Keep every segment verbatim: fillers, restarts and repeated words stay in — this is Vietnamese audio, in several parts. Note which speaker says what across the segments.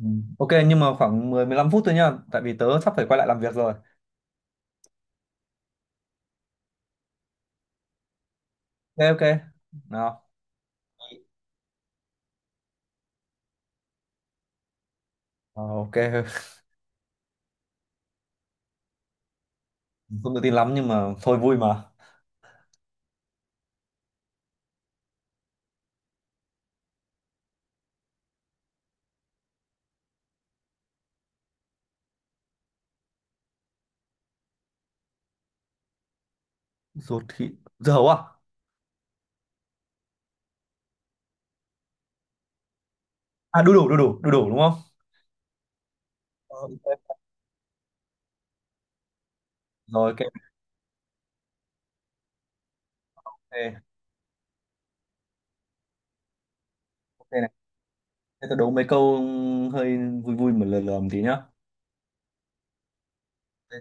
Speaker 1: Ừ. Ok nhưng mà khoảng mười mười 15 phút thôi nhá, tại vì tớ sắp phải quay lại làm việc rồi. Ok, ok. Nào. Ờ, ok. Không tự tin lắm nhưng mà thôi, vui mà. Ruột thịt dưa hấu à? À, đu đủ đu đủ đu đủ, đúng không? Ờ, ok. Rồi, ok, ok, ok này. Thế tớ đố mấy câu hơi vui vui mà lừa lừa một tí nhá.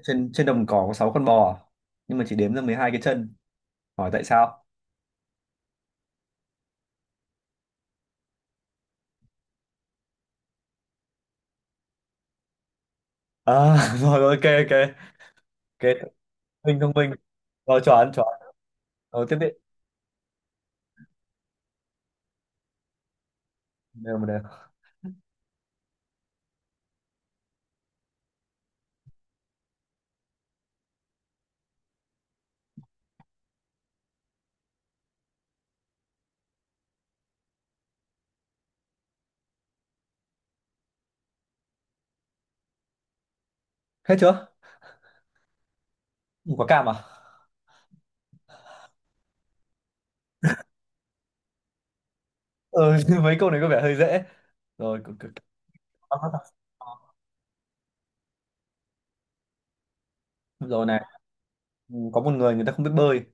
Speaker 1: Trên trên đồng cỏ có sáu con bò à, nhưng mà chỉ đếm ra mười hai cái chân. Hỏi tại sao? À, rồi, ok, ok. Ok, thông minh thông minh. Rồi, chuẩn chuẩn. Rồi tiếp đi. Đều mà đều. Hết chưa? Quả cam à? Ừ, mấy câu này có vẻ hơi dễ, rồi cực- cực- rồi này. Ừ, có một người người ta không biết bơi,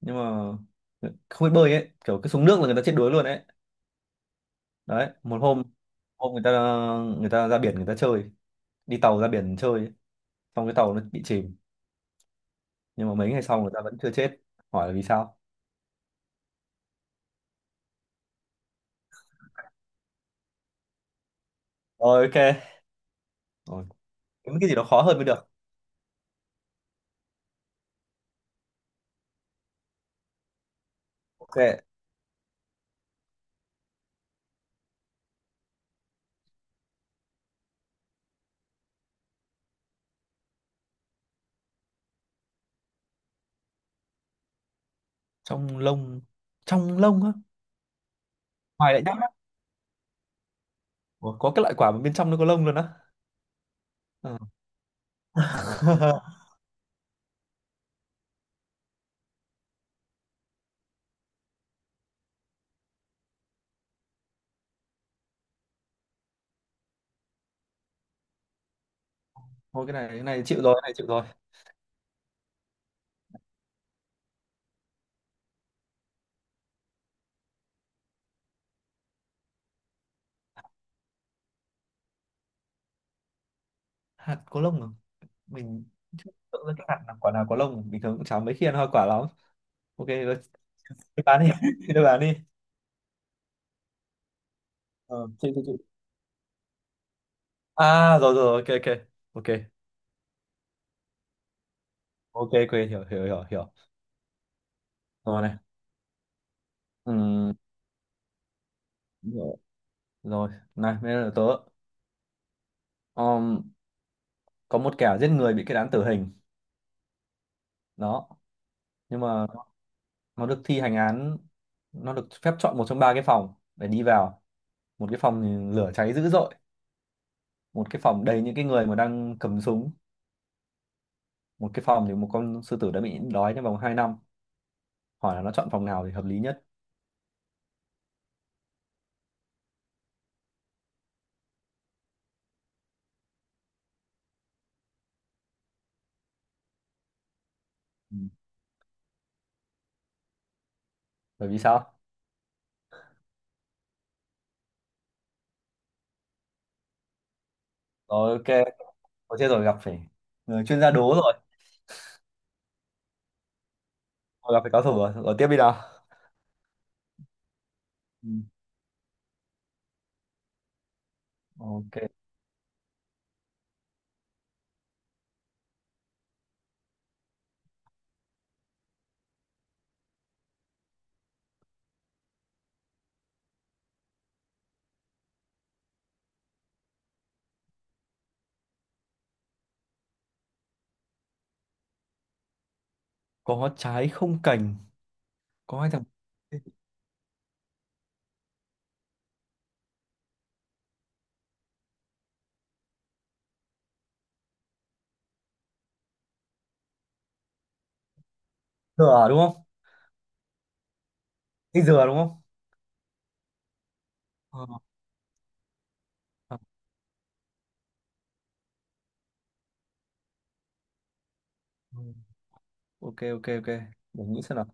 Speaker 1: nhưng mà không biết bơi ấy kiểu cứ xuống nước là người ta chết đuối luôn ấy. Đấy, một hôm hôm người ta người ta ra biển, người ta chơi, đi tàu ra biển chơi, xong cái tàu nó bị chìm, nhưng mà mấy ngày sau người ta vẫn chưa chết. Hỏi là vì sao. Rồi, ok. Rồi, kiếm cái gì đó khó hơn mới được. Ok. Trong lông, trong lông á? Ngoài lại nhá. Ủa, có cái loại quả mà bên trong nó có lông luôn á? Ừ. Thôi, cái này cái này chịu rồi, cái này chịu rồi. Hạt có lông à? Mình chưa tưởng ra cái hạt là quả nào có lông, bình thường cũng chả mấy khi ăn hoa quả lắm. Ok rồi, chị bán đi. Chị đưa bán đi. Ờ, chị, chị, chị. À, rồi rồi, ok ok ok ok ok, hiểu hiểu hiểu hiểu. Rồi này. Ừm, hiểu. Rồi này, bây giờ là tớ. Ờm, có một kẻ giết người bị kết án tử hình, đó. Nhưng mà nó được thi hành án, nó được phép chọn một trong ba cái phòng để đi vào. Một cái phòng thì lửa cháy dữ dội, một cái phòng đầy những cái người mà đang cầm súng, một cái phòng thì một con sư tử đã bị nhịn đói trong vòng hai năm. Hỏi là nó chọn phòng nào thì hợp lý nhất. Ừ. Bởi vì sao? Rồi, ok. Có chết rồi, gặp phải người chuyên gia đố rồi. Rồi, gặp phải cao thủ rồi. Rồi tiếp đi nào. Ừ. Ok. Có trái không cành, có hai thằng. Dừa à, đúng không? Cái dừa, đúng không? Ờ. Ờ. Ok ok ok, để nghĩ xem nào.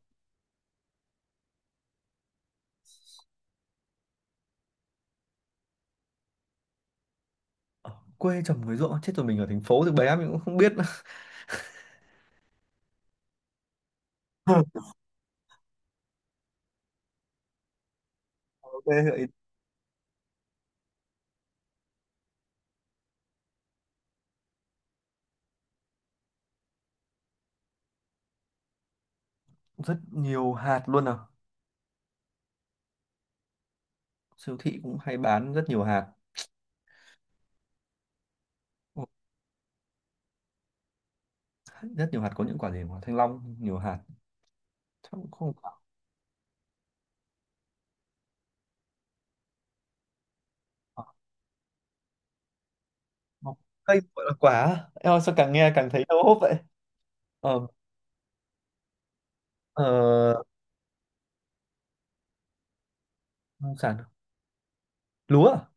Speaker 1: Ở quê trồng người ruộng, chết rồi, mình ở thành phố thì bé mình cũng không biết. Ok, gợi ý. Rất nhiều hạt luôn à? Siêu thị cũng hay bán rất nhiều hạt. Ừ, rất nhiều hạt có những quả gì? Quả thanh long nhiều hạt. Chắc cũng không quả. Quả- quả- cây gọi là quả á? Em ơi, sao càng nghe càng thấy đau hốp vậy? Ờ ờ nông sản? Lúa à?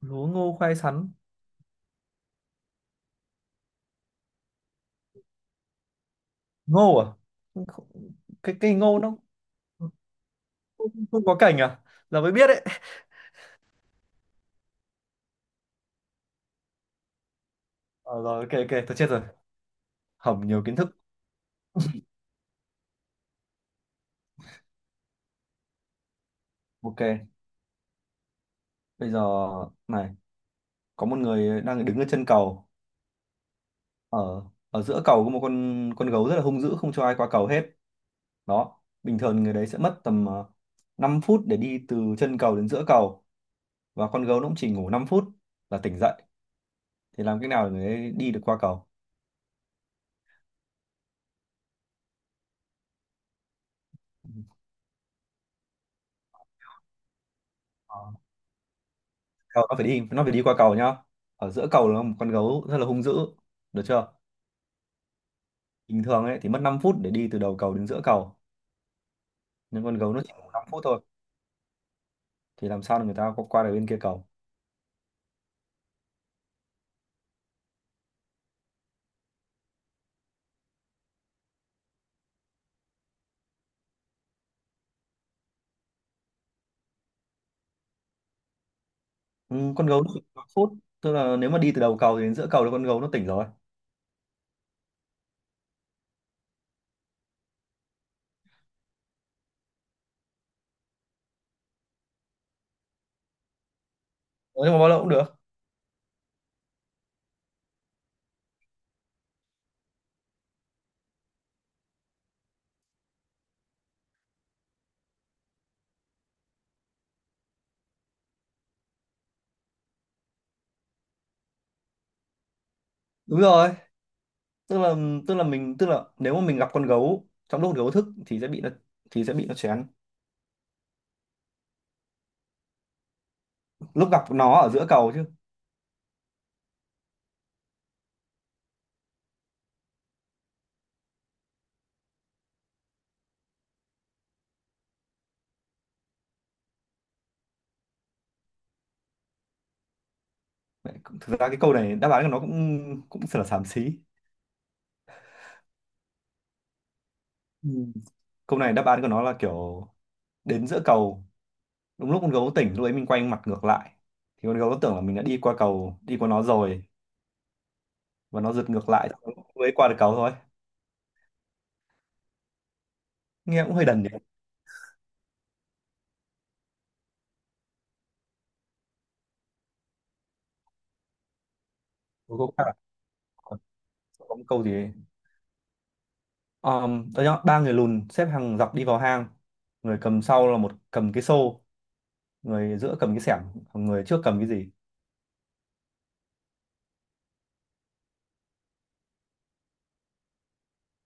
Speaker 1: Lúa, ngô, khoai, sắn. Ngô à? Không- không- cái cây ngô nó không, không có cành à? Giờ mới biết đấy. Ờ, rồi, ok ok, tôi chết rồi, hỏng nhiều kiến thức. Ok, bây giờ này, có một người đang đứng ở chân cầu, ở ở giữa cầu có một con con gấu rất là hung dữ, không cho ai qua cầu hết đó. Bình thường người đấy sẽ mất tầm ờ, năm phút để đi từ chân cầu đến giữa cầu, và con gấu nó cũng chỉ ngủ năm phút là tỉnh dậy, thì làm cách nào để người ấy đi được qua cầu? Ờ, cầu nó phải đi nó phải đi qua cầu nhá. Ở giữa cầu là một con gấu rất là hung dữ, được chưa? Bình thường ấy thì mất năm phút để đi từ đầu cầu đến giữa cầu, nhưng con gấu nó chỉ ngủ năm phút thôi, thì làm sao để người ta qua qua được bên kia cầu? Ừ, con gấu nó chỉ năm phút, tức là nếu mà đi từ đầu cầu đến giữa cầu là con gấu nó tỉnh rồi. Nói chung là bao lâu cũng được. Đúng rồi, tức là tức là mình tức là nếu mà mình gặp con gấu trong lúc con gấu thức thì sẽ bị nó thì sẽ bị nó chén. Lúc gặp nó ở giữa cầu chứ. Vậy, thực ra cái câu này đáp án của nó cũng cũng thật là xàm xí. Ừ. Câu này đáp án của nó là kiểu, đến giữa cầu đúng lúc con gấu tỉnh, lúc ấy mình quay mặt ngược lại, thì con gấu nó tưởng là mình đã đi qua cầu, đi qua nó rồi, và nó giật ngược lại, mới qua được cầu thôi. Nghe cũng hơi đần nhỉ. Cuối cùng là có một câu gì ấy. um, đó nhá, ba người lùn xếp hàng dọc đi vào hang, người cầm sau là một cầm cái xô, người giữa cầm cái xẻng, còn người trước cầm cái gì?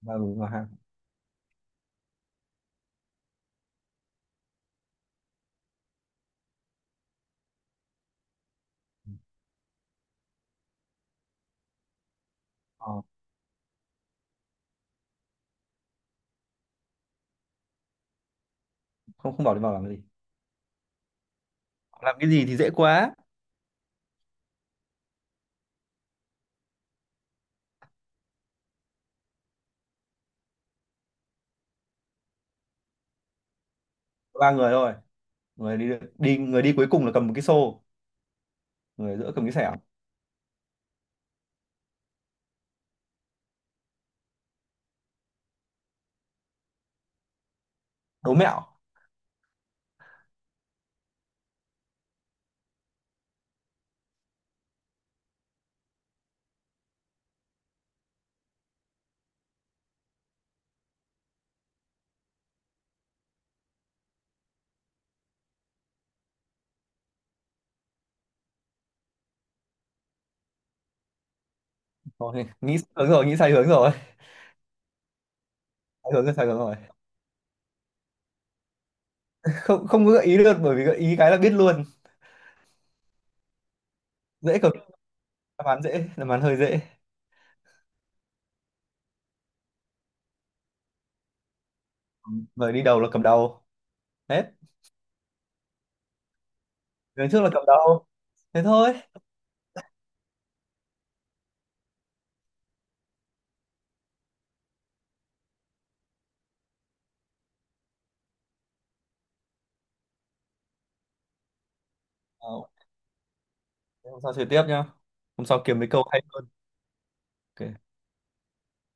Speaker 1: Ba người vào hang. Ờ, không, không bảo đi vào làm cái gì. Làm cái gì thì dễ quá. Ba người thôi, người đi đi người đi cuối cùng là cầm một cái xô, người giữa cầm cái xẻng. Đố mẹo. Thôi, nghĩ sai hướng rồi, nghĩ sai hướng rồi. Sai hướng rồi, sai hướng rồi. Không, không có gợi ý được, bởi vì gợi ý cái là biết luôn. Dễ cầm, đáp án dễ đáp án hơi dễ. Người đi đầu là cầm đầu, hết. Người trước là cầm đầu, thế thôi. Ờ, thế hôm sau chơi tiếp nhá, hôm sau kiếm mấy câu hay hơn. Ok.